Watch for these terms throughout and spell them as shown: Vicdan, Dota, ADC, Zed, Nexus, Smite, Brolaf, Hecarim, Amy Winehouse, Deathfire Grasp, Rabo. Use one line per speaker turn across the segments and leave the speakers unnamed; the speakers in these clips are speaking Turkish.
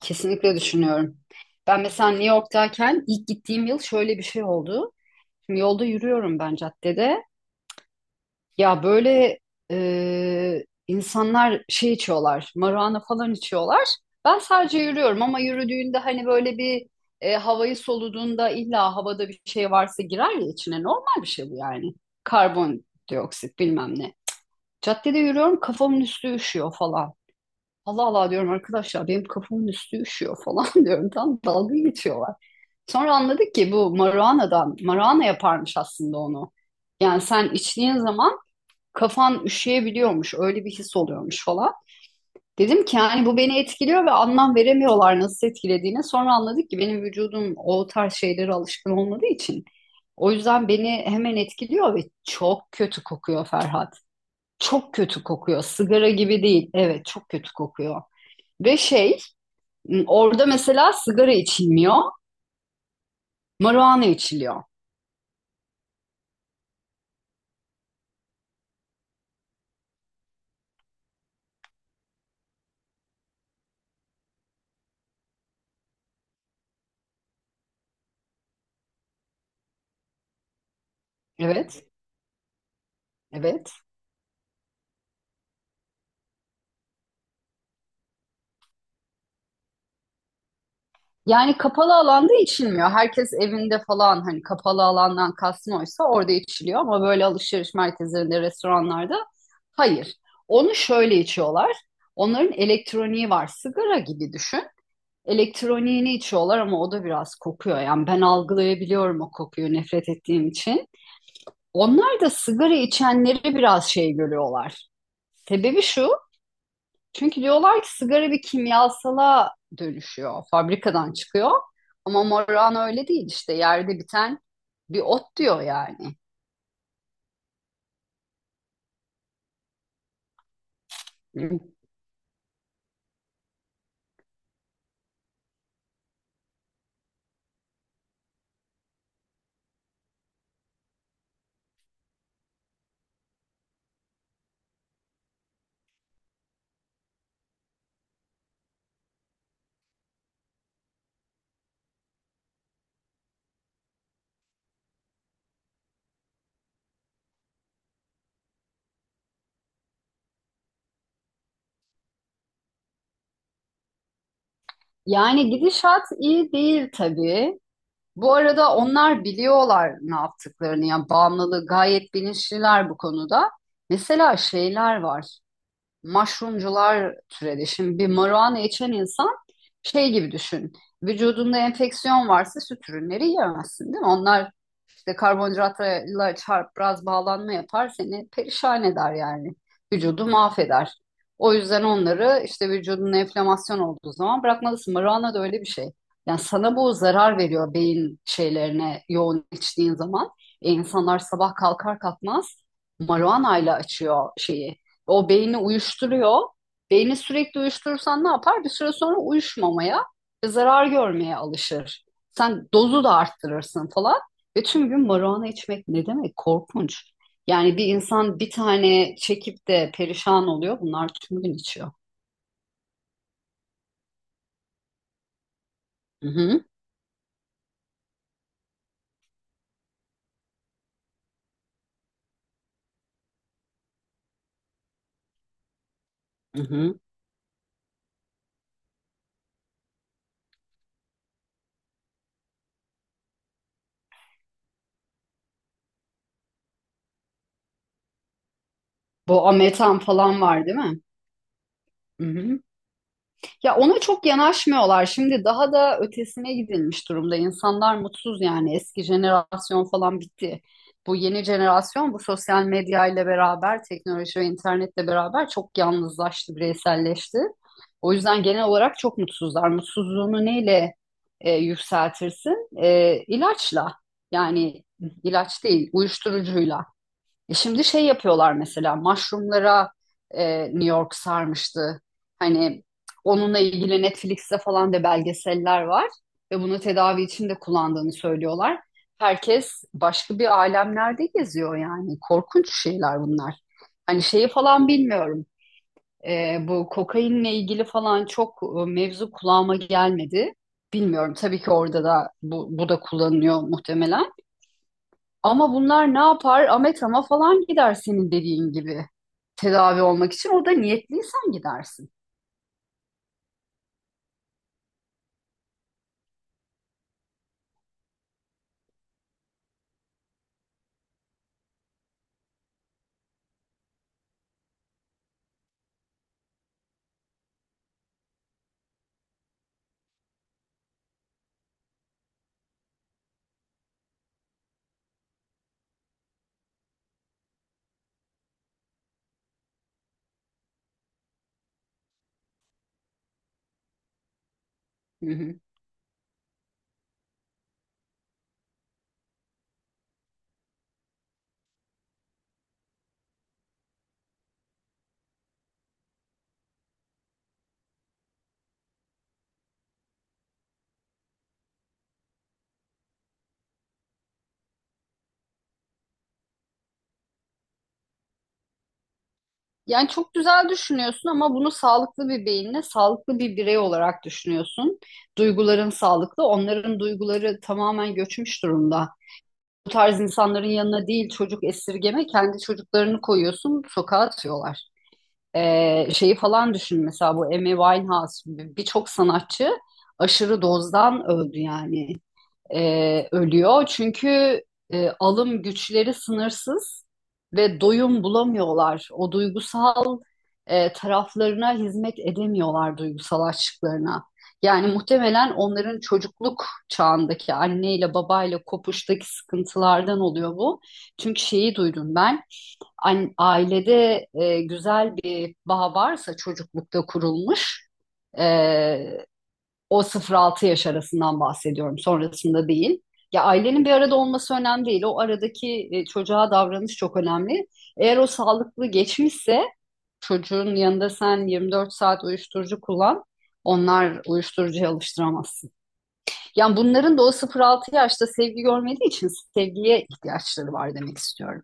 Kesinlikle düşünüyorum. Ben mesela New York'tayken ilk gittiğim yıl şöyle bir şey oldu. Şimdi yolda yürüyorum ben caddede. Ya böyle insanlar şey içiyorlar, marijuana falan içiyorlar. Ben sadece yürüyorum ama yürüdüğünde hani böyle bir havayı soluduğunda illa havada bir şey varsa girer ya içine. Normal bir şey bu yani. Karbondioksit bilmem ne. Caddede yürüyorum kafamın üstü üşüyor falan. Allah Allah diyorum arkadaşlar benim kafamın üstü üşüyor falan diyorum. Tam dalga geçiyorlar. Sonra anladık ki bu maruanadan, maruana yaparmış aslında onu. Yani sen içtiğin zaman kafan üşüyebiliyormuş. Öyle bir his oluyormuş falan. Dedim ki yani bu beni etkiliyor ve anlam veremiyorlar nasıl etkilediğini. Sonra anladık ki benim vücudum o tarz şeylere alışkın olmadığı için. O yüzden beni hemen etkiliyor ve çok kötü kokuyor, Ferhat. Çok kötü kokuyor. Sigara gibi değil. Evet, çok kötü kokuyor. Ve şey, orada mesela sigara içilmiyor, marijuana içiliyor. Evet, evet. Yani kapalı alanda içilmiyor. Herkes evinde falan, hani kapalı alandan kastım oysa orada içiliyor ama böyle alışveriş merkezlerinde, restoranlarda hayır. Onu şöyle içiyorlar. Onların elektroniği var. Sigara gibi düşün. Elektroniğini içiyorlar ama o da biraz kokuyor. Yani ben algılayabiliyorum o kokuyu, nefret ettiğim için. Onlar da sigara içenleri biraz şey görüyorlar. Sebebi şu, çünkü diyorlar ki sigara bir kimyasala dönüşüyor, fabrikadan çıkıyor. Ama Moran öyle değil, işte yerde biten bir ot diyor yani. Yani gidişat iyi değil tabii. Bu arada onlar biliyorlar ne yaptıklarını ya, bağımlılığı gayet bilinçliler bu konuda. Mesela şeyler var. Mushroomcular türedi. Şimdi bir marijuana içen insan şey gibi düşün. Vücudunda enfeksiyon varsa süt ürünleri yiyemezsin değil mi? Onlar İşte karbonhidratla çarp, biraz bağlanma yapar, seni perişan eder yani. Vücudu mahveder. O yüzden onları işte vücudun enflamasyon olduğu zaman bırakmalısın. Marana da öyle bir şey. Yani sana bu zarar veriyor, beyin şeylerine yoğun içtiğin zaman. İnsanlar sabah kalkar kalkmaz marihuanayla açıyor şeyi. O beyni uyuşturuyor. Beyni sürekli uyuşturursan ne yapar? Bir süre sonra uyuşmamaya, zarar görmeye alışır. Sen dozu da arttırırsın falan. Ve tüm gün marijuana içmek ne demek? Korkunç. Yani bir insan bir tane çekip de perişan oluyor. Bunlar tüm gün içiyor. Hı hı, hı hı. Bu ametan falan var değil mi? Ya ona çok yanaşmıyorlar. Şimdi daha da ötesine gidilmiş durumda. İnsanlar mutsuz yani. Eski jenerasyon falan bitti. Bu yeni jenerasyon bu sosyal medya ile beraber, teknoloji ve internetle beraber çok yalnızlaştı, bireyselleşti. O yüzden genel olarak çok mutsuzlar. Mutsuzluğunu neyle yükseltirsin? E, ilaçla. Yani ilaç değil, uyuşturucuyla. E şimdi şey yapıyorlar, mesela mushroomlara, New York sarmıştı. Hani onunla ilgili Netflix'te falan da belgeseller var ve bunu tedavi için de kullandığını söylüyorlar. Herkes başka bir alemlerde geziyor yani. Korkunç şeyler bunlar. Hani şeyi falan bilmiyorum. Bu kokainle ilgili falan çok mevzu kulağıma gelmedi. Bilmiyorum tabii ki, orada da bu da kullanılıyor muhtemelen. Ama bunlar ne yapar? Ametrama falan gider senin dediğin gibi tedavi olmak için. O da niyetliysen gidersin. Hı hı. Yani çok güzel düşünüyorsun ama bunu sağlıklı bir beyinle, sağlıklı bir birey olarak düşünüyorsun. Duyguların sağlıklı, onların duyguları tamamen göçmüş durumda. Bu tarz insanların yanına değil çocuk esirgeme, kendi çocuklarını koyuyorsun, sokağa atıyorlar. Şeyi falan düşün mesela, bu Amy Winehouse gibi birçok sanatçı aşırı dozdan öldü yani, ölüyor. Çünkü alım güçleri sınırsız ve doyum bulamıyorlar. O duygusal taraflarına hizmet edemiyorlar, duygusal açlıklarına. Yani muhtemelen onların çocukluk çağındaki anneyle babayla kopuştaki sıkıntılardan oluyor bu. Çünkü şeyi duydum ben, ailede güzel bir bağ varsa çocuklukta kurulmuş, e, o 0-6 yaş arasından bahsediyorum, sonrasında değil. Ya ailenin bir arada olması önemli değil. O aradaki çocuğa davranış çok önemli. Eğer o sağlıklı geçmişse çocuğun yanında sen 24 saat uyuşturucu kullan, onlar uyuşturucuya alıştıramazsın. Yani bunların da o 0-6 yaşta sevgi görmediği için sevgiye ihtiyaçları var demek istiyorum.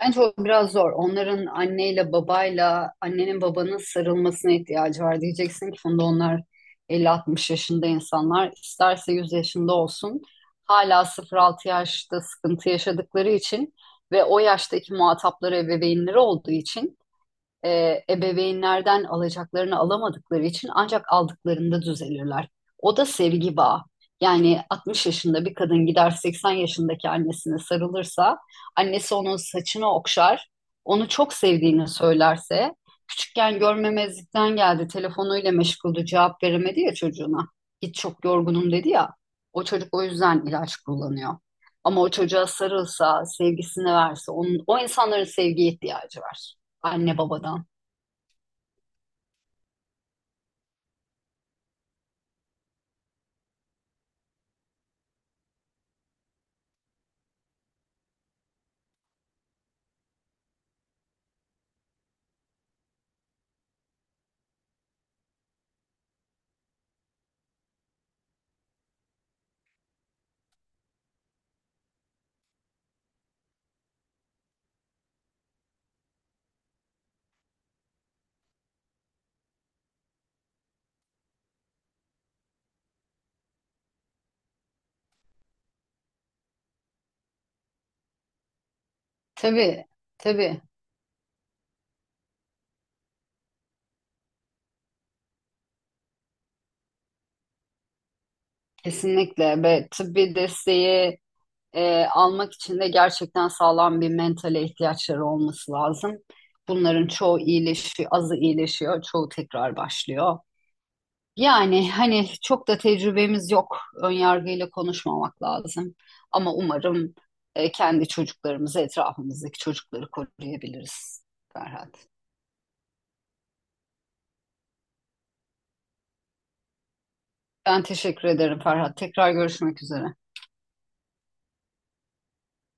Bence o biraz zor. Onların anneyle babayla, annenin babanın sarılmasına ihtiyacı var. Diyeceksin ki Funda, onlar 50, 60 yaşında insanlar. İsterse 100 yaşında olsun. Hala 0-6 yaşta sıkıntı yaşadıkları için ve o yaştaki muhatapları ebeveynleri olduğu için ebeveynlerden alacaklarını alamadıkları için ancak aldıklarında düzelirler. O da sevgi bağı. Yani 60 yaşında bir kadın gider 80 yaşındaki annesine sarılırsa, annesi onun saçını okşar, onu çok sevdiğini söylerse, küçükken görmemezlikten geldi, telefonuyla meşguldü, cevap veremedi ya çocuğuna. Git çok yorgunum dedi ya, o çocuk o yüzden ilaç kullanıyor. Ama o çocuğa sarılsa, sevgisini verse, onun, o insanların sevgiye ihtiyacı var. Anne babadan. Tabii, tabii. Kesinlikle ve tıbbi desteği almak için de gerçekten sağlam bir mentale ihtiyaçları olması lazım. Bunların çoğu iyileşiyor, azı iyileşiyor, çoğu tekrar başlıyor. Yani hani çok da tecrübemiz yok. Önyargıyla konuşmamak lazım. Ama umarım kendi çocuklarımızı, etrafımızdaki çocukları koruyabiliriz Ferhat. Ben teşekkür ederim Ferhat. Tekrar görüşmek üzere.